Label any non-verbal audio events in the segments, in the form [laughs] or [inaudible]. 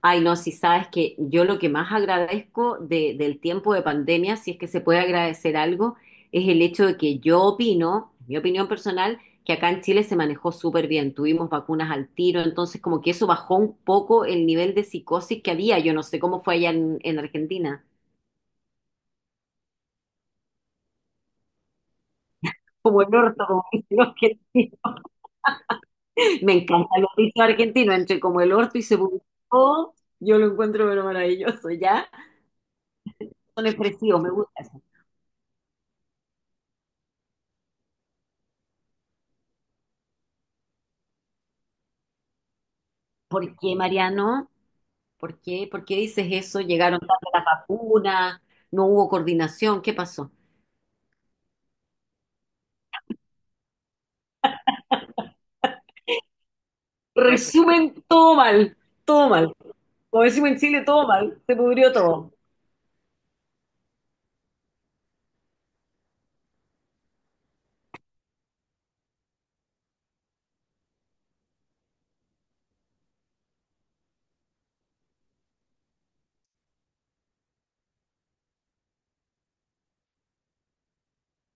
Ay, no, si sabes que yo lo que más agradezco del tiempo de pandemia, si es que se puede agradecer algo, es el hecho de que yo opino, mi opinión personal, que acá en Chile se manejó súper bien, tuvimos vacunas al tiro, entonces como que eso bajó un poco el nivel de psicosis que había, yo no sé cómo fue allá en Argentina. Como el orto, como dicen los argentinos. Me encantan los dichos argentinos, entre como el orto y se publicó, yo lo encuentro pero maravilloso, ¿ya? Son expresivos, me gusta eso. ¿Por qué, Mariano? ¿Por qué? ¿Por qué dices eso? ¿Llegaron tarde las vacunas? ¿No hubo coordinación? ¿Qué pasó? Resumen, todo mal, todo mal. Como decimos en Chile, todo mal, se pudrió todo.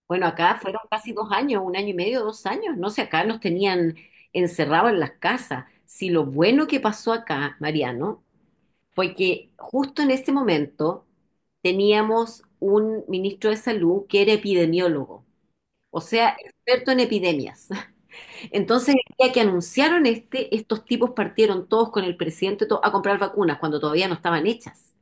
Bueno, acá fueron casi 2 años, un año y medio, 2 años, no sé, acá nos tenían encerrados en las casas. Si lo bueno que pasó acá, Mariano, fue que justo en ese momento teníamos un ministro de salud que era epidemiólogo, o sea, experto en epidemias. Entonces, el día que anunciaron este, estos tipos partieron todos con el presidente a comprar vacunas cuando todavía no estaban hechas.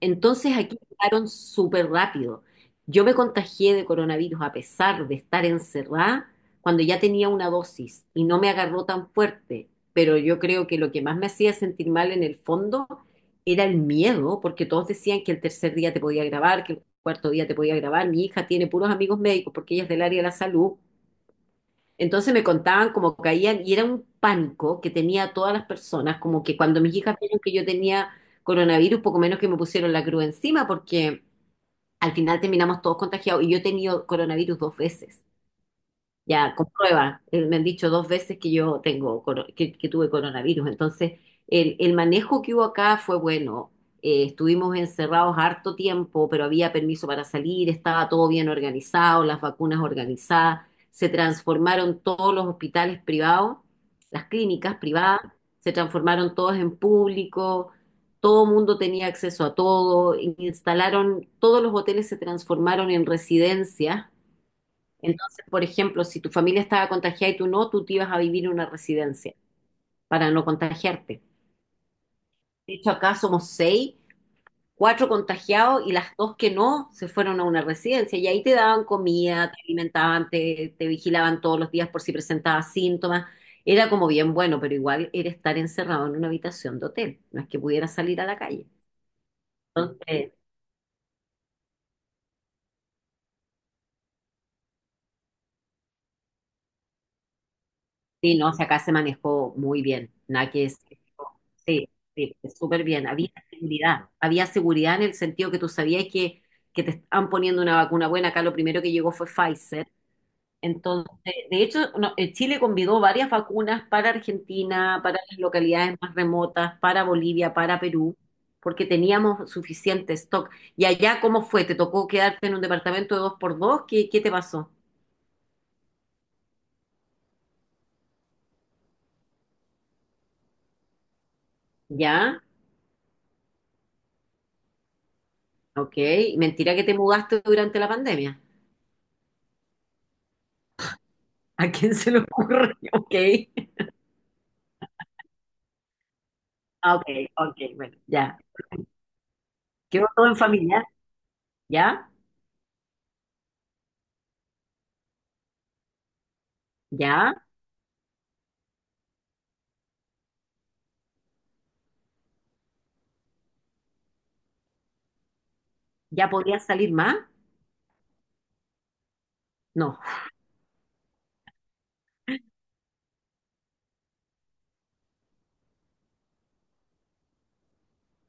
Entonces, aquí llegaron súper rápido. Yo me contagié de coronavirus a pesar de estar encerrada cuando ya tenía una dosis y no me agarró tan fuerte. Pero yo creo que lo que más me hacía sentir mal en el fondo era el miedo, porque todos decían que el tercer día te podía grabar, que el cuarto día te podía grabar. Mi hija tiene puros amigos médicos porque ella es del área de la salud, entonces me contaban cómo caían y era un pánico que tenía a todas las personas, como que cuando mis hijas vieron que yo tenía coronavirus, poco menos que me pusieron la cruz encima porque al final terminamos todos contagiados y yo he tenido coronavirus 2 veces. Ya, comprueba. Me han dicho 2 veces que yo que tuve coronavirus. Entonces, el manejo que hubo acá fue bueno. Estuvimos encerrados harto tiempo, pero había permiso para salir, estaba todo bien organizado, las vacunas organizadas. Se transformaron todos los hospitales privados, las clínicas privadas, se transformaron todas en público. Todo mundo tenía acceso a todo. Instalaron, todos los hoteles se transformaron en residencias, entonces, por ejemplo, si tu familia estaba contagiada y tú no, tú te ibas a vivir en una residencia para no contagiarte. De hecho, acá somos seis, cuatro contagiados y las dos que no se fueron a una residencia y ahí te daban comida, te alimentaban, te vigilaban todos los días por si presentabas síntomas. Era como bien bueno, pero igual era estar encerrado en una habitación de hotel, no es que pudiera salir a la calle. Entonces, sí, no, o sea, acá se manejó muy bien. Nada que es- Sí, sí, súper bien. Había seguridad. Había seguridad en el sentido que tú sabías que te están poniendo una vacuna buena. Acá lo primero que llegó fue Pfizer. Entonces, de hecho, no, Chile convidó varias vacunas para Argentina, para las localidades más remotas, para Bolivia, para Perú, porque teníamos suficiente stock. ¿Y allá cómo fue? ¿Te tocó quedarte en un departamento de dos por dos? ¿Qué, qué te pasó? ¿Ya? Ok. Mentira que te mudaste durante la pandemia. [laughs] ¿A quién se le ocurre? [laughs] Ok. Ah, ok, ok, bueno, ya. Quedó todo en familia. ¿Ya? ¿Ya? ¿Ya podía salir más? No.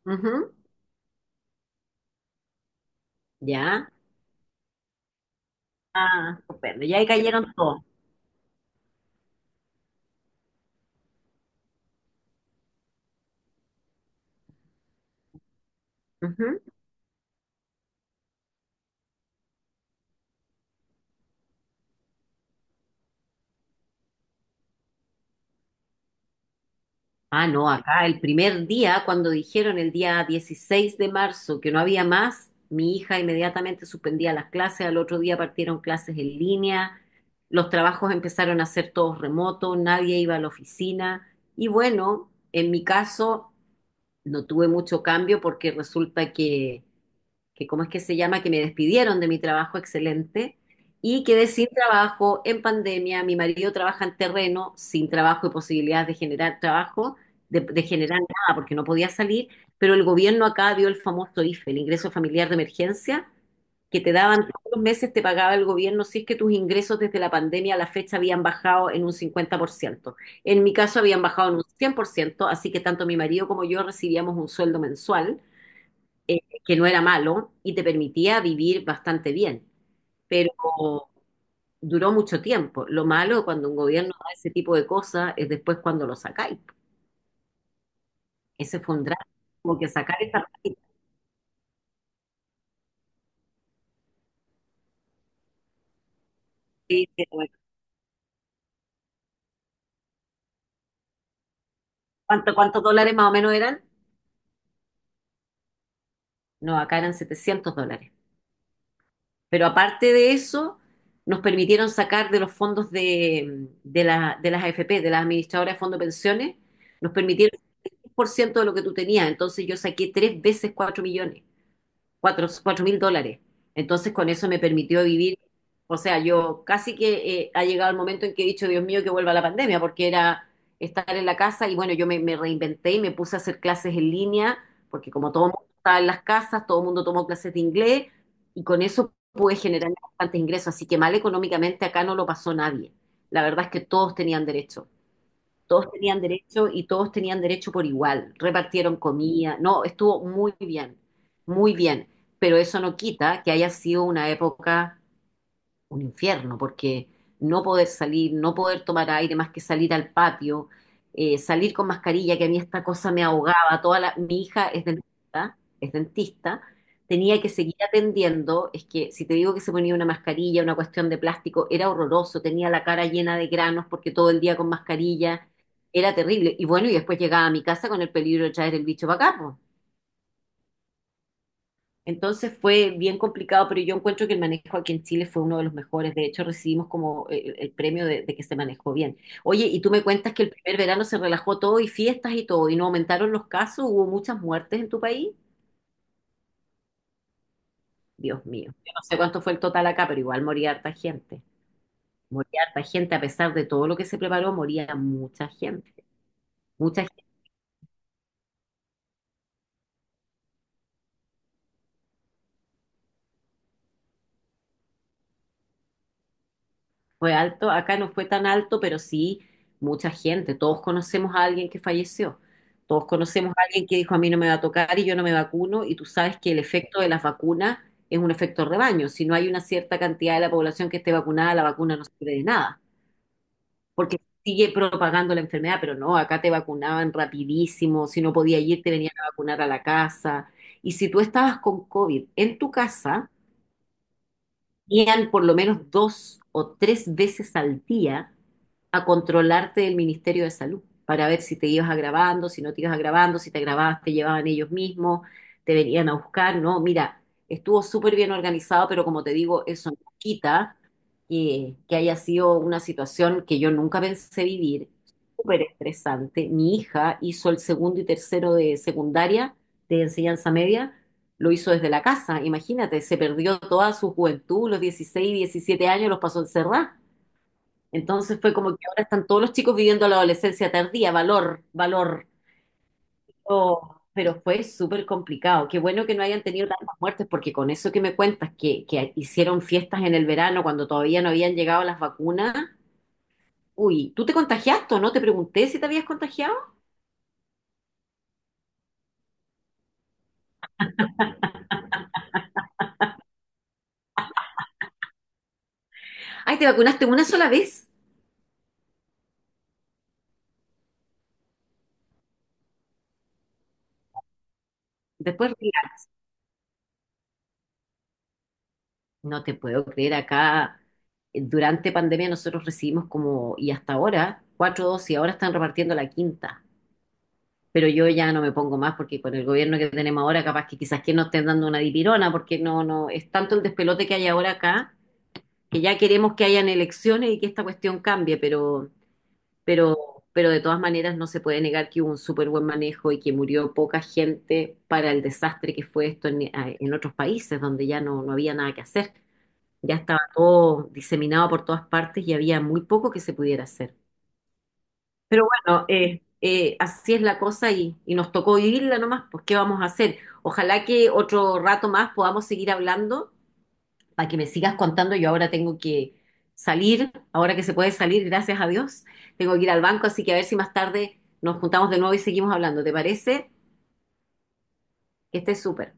Ujú. ¿Ya? Ah, estupendo. Ya ahí cayeron todos. Ujú. Ah, no, acá el primer día, cuando dijeron el día 16 de marzo que no había más, mi hija inmediatamente suspendía las clases, al otro día partieron clases en línea, los trabajos empezaron a ser todos remotos, nadie iba a la oficina y bueno, en mi caso no tuve mucho cambio porque resulta ¿cómo es que se llama? Que me despidieron de mi trabajo excelente y quedé sin trabajo en pandemia. Mi marido trabaja en terreno, sin trabajo y posibilidades de generar trabajo, de generar nada porque no podía salir, pero el gobierno acá dio el famoso IFE, el ingreso familiar de emergencia, que te daban todos los meses, te pagaba el gobierno si es que tus ingresos desde la pandemia a la fecha habían bajado en un 50%. En mi caso habían bajado en un 100%, así que tanto mi marido como yo recibíamos un sueldo mensual, que no era malo y te permitía vivir bastante bien, pero duró mucho tiempo. Lo malo cuando un gobierno da ese tipo de cosas es después cuando lo sacáis. Ese fue un drama, como que sacar esa. ¿Cuántos dólares más o menos eran? No, acá eran 700 dólares. Pero aparte de eso, nos permitieron sacar de los fondos de las AFP, de las administradoras de fondos de pensiones, nos permitieron el 10% de lo que tú tenías. Entonces yo saqué 3 veces 4 millones, cuatro mil dólares. Entonces con eso me permitió vivir, o sea, yo casi que ha llegado el momento en que he dicho, Dios mío, que vuelva la pandemia, porque era estar en la casa y bueno, yo me reinventé y me puse a hacer clases en línea, porque como todo el mundo estaba en las casas, todo el mundo tomó clases de inglés y con eso pude generar bastantes ingresos, así que mal económicamente acá no lo pasó nadie. La verdad es que todos tenían derecho. Todos tenían derecho y todos tenían derecho por igual. Repartieron comida. No, estuvo muy bien, muy bien. Pero eso no quita que haya sido una época un infierno, porque no poder salir, no poder tomar aire más que salir al patio, salir con mascarilla, que a mí esta cosa me ahogaba, mi hija es dentista, tenía que seguir atendiendo, es que si te digo que se ponía una mascarilla, una cuestión de plástico, era horroroso, tenía la cara llena de granos porque todo el día con mascarilla, era terrible, y bueno, y después llegaba a mi casa con el peligro de traer el bicho para acá, entonces fue bien complicado, pero yo encuentro que el manejo aquí en Chile fue uno de los mejores. De hecho, recibimos como el premio de que se manejó bien. Oye, y tú me cuentas que el primer verano se relajó todo y fiestas y todo, y no aumentaron los casos, hubo muchas muertes en tu país. Dios mío, yo no sé cuánto fue el total acá, pero igual moría harta gente. Moría harta gente, a pesar de todo lo que se preparó, moría mucha gente. Mucha Fue alto, acá no fue tan alto, pero sí mucha gente. Todos conocemos a alguien que falleció. Todos conocemos a alguien que dijo a mí no me va a tocar y yo no me vacuno. Y tú sabes que el efecto de las vacunas es un efecto rebaño. Si no hay una cierta cantidad de la población que esté vacunada, la vacuna no sirve de nada, porque sigue propagando la enfermedad. Pero no, acá te vacunaban rapidísimo. Si no podía ir, te venían a vacunar a la casa. Y si tú estabas con COVID en tu casa, iban por lo menos 2 o 3 veces al día a controlarte del Ministerio de Salud para ver si te ibas agravando, si no te ibas agravando, si te agravabas te llevaban ellos mismos, te venían a buscar, ¿no? Mira, estuvo súper bien organizado, pero como te digo, eso no quita que haya sido una situación que yo nunca pensé vivir, súper estresante. Mi hija hizo el segundo y tercero de secundaria, de enseñanza media, lo hizo desde la casa. Imagínate, se perdió toda su juventud, los 16, 17 años los pasó encerrada. Entonces fue como que ahora están todos los chicos viviendo la adolescencia tardía, valor, valor. Oh, pero fue súper complicado. Qué bueno que no hayan tenido tantas muertes, porque con eso que me cuentas, que hicieron fiestas en el verano cuando todavía no habían llegado las vacunas. Uy, ¿tú te contagiaste o no? Te pregunté si te habías contagiado. Ay, te vacunaste una sola vez. Después No te puedo creer acá. Durante pandemia nosotros recibimos como, y hasta ahora, 4 dosis, ahora están repartiendo la quinta. Pero yo ya no me pongo más porque con el gobierno que tenemos ahora, capaz que quizás que nos estén dando una dipirona, porque no, no, es tanto el despelote que hay ahora acá, que ya queremos que hayan elecciones y que esta cuestión cambie, pero, pero de todas maneras no se puede negar que hubo un súper buen manejo y que murió poca gente para el desastre que fue esto en otros países donde ya no, no había nada que hacer. Ya estaba todo diseminado por todas partes y había muy poco que se pudiera hacer. Pero bueno, así es la cosa y nos tocó vivirla nomás, pues ¿qué vamos a hacer? Ojalá que otro rato más podamos seguir hablando para que me sigas contando. Yo ahora tengo que salir, ahora que se puede salir, gracias a Dios, tengo que ir al banco, así que a ver si más tarde nos juntamos de nuevo y seguimos hablando. ¿Te parece? Que estés súper.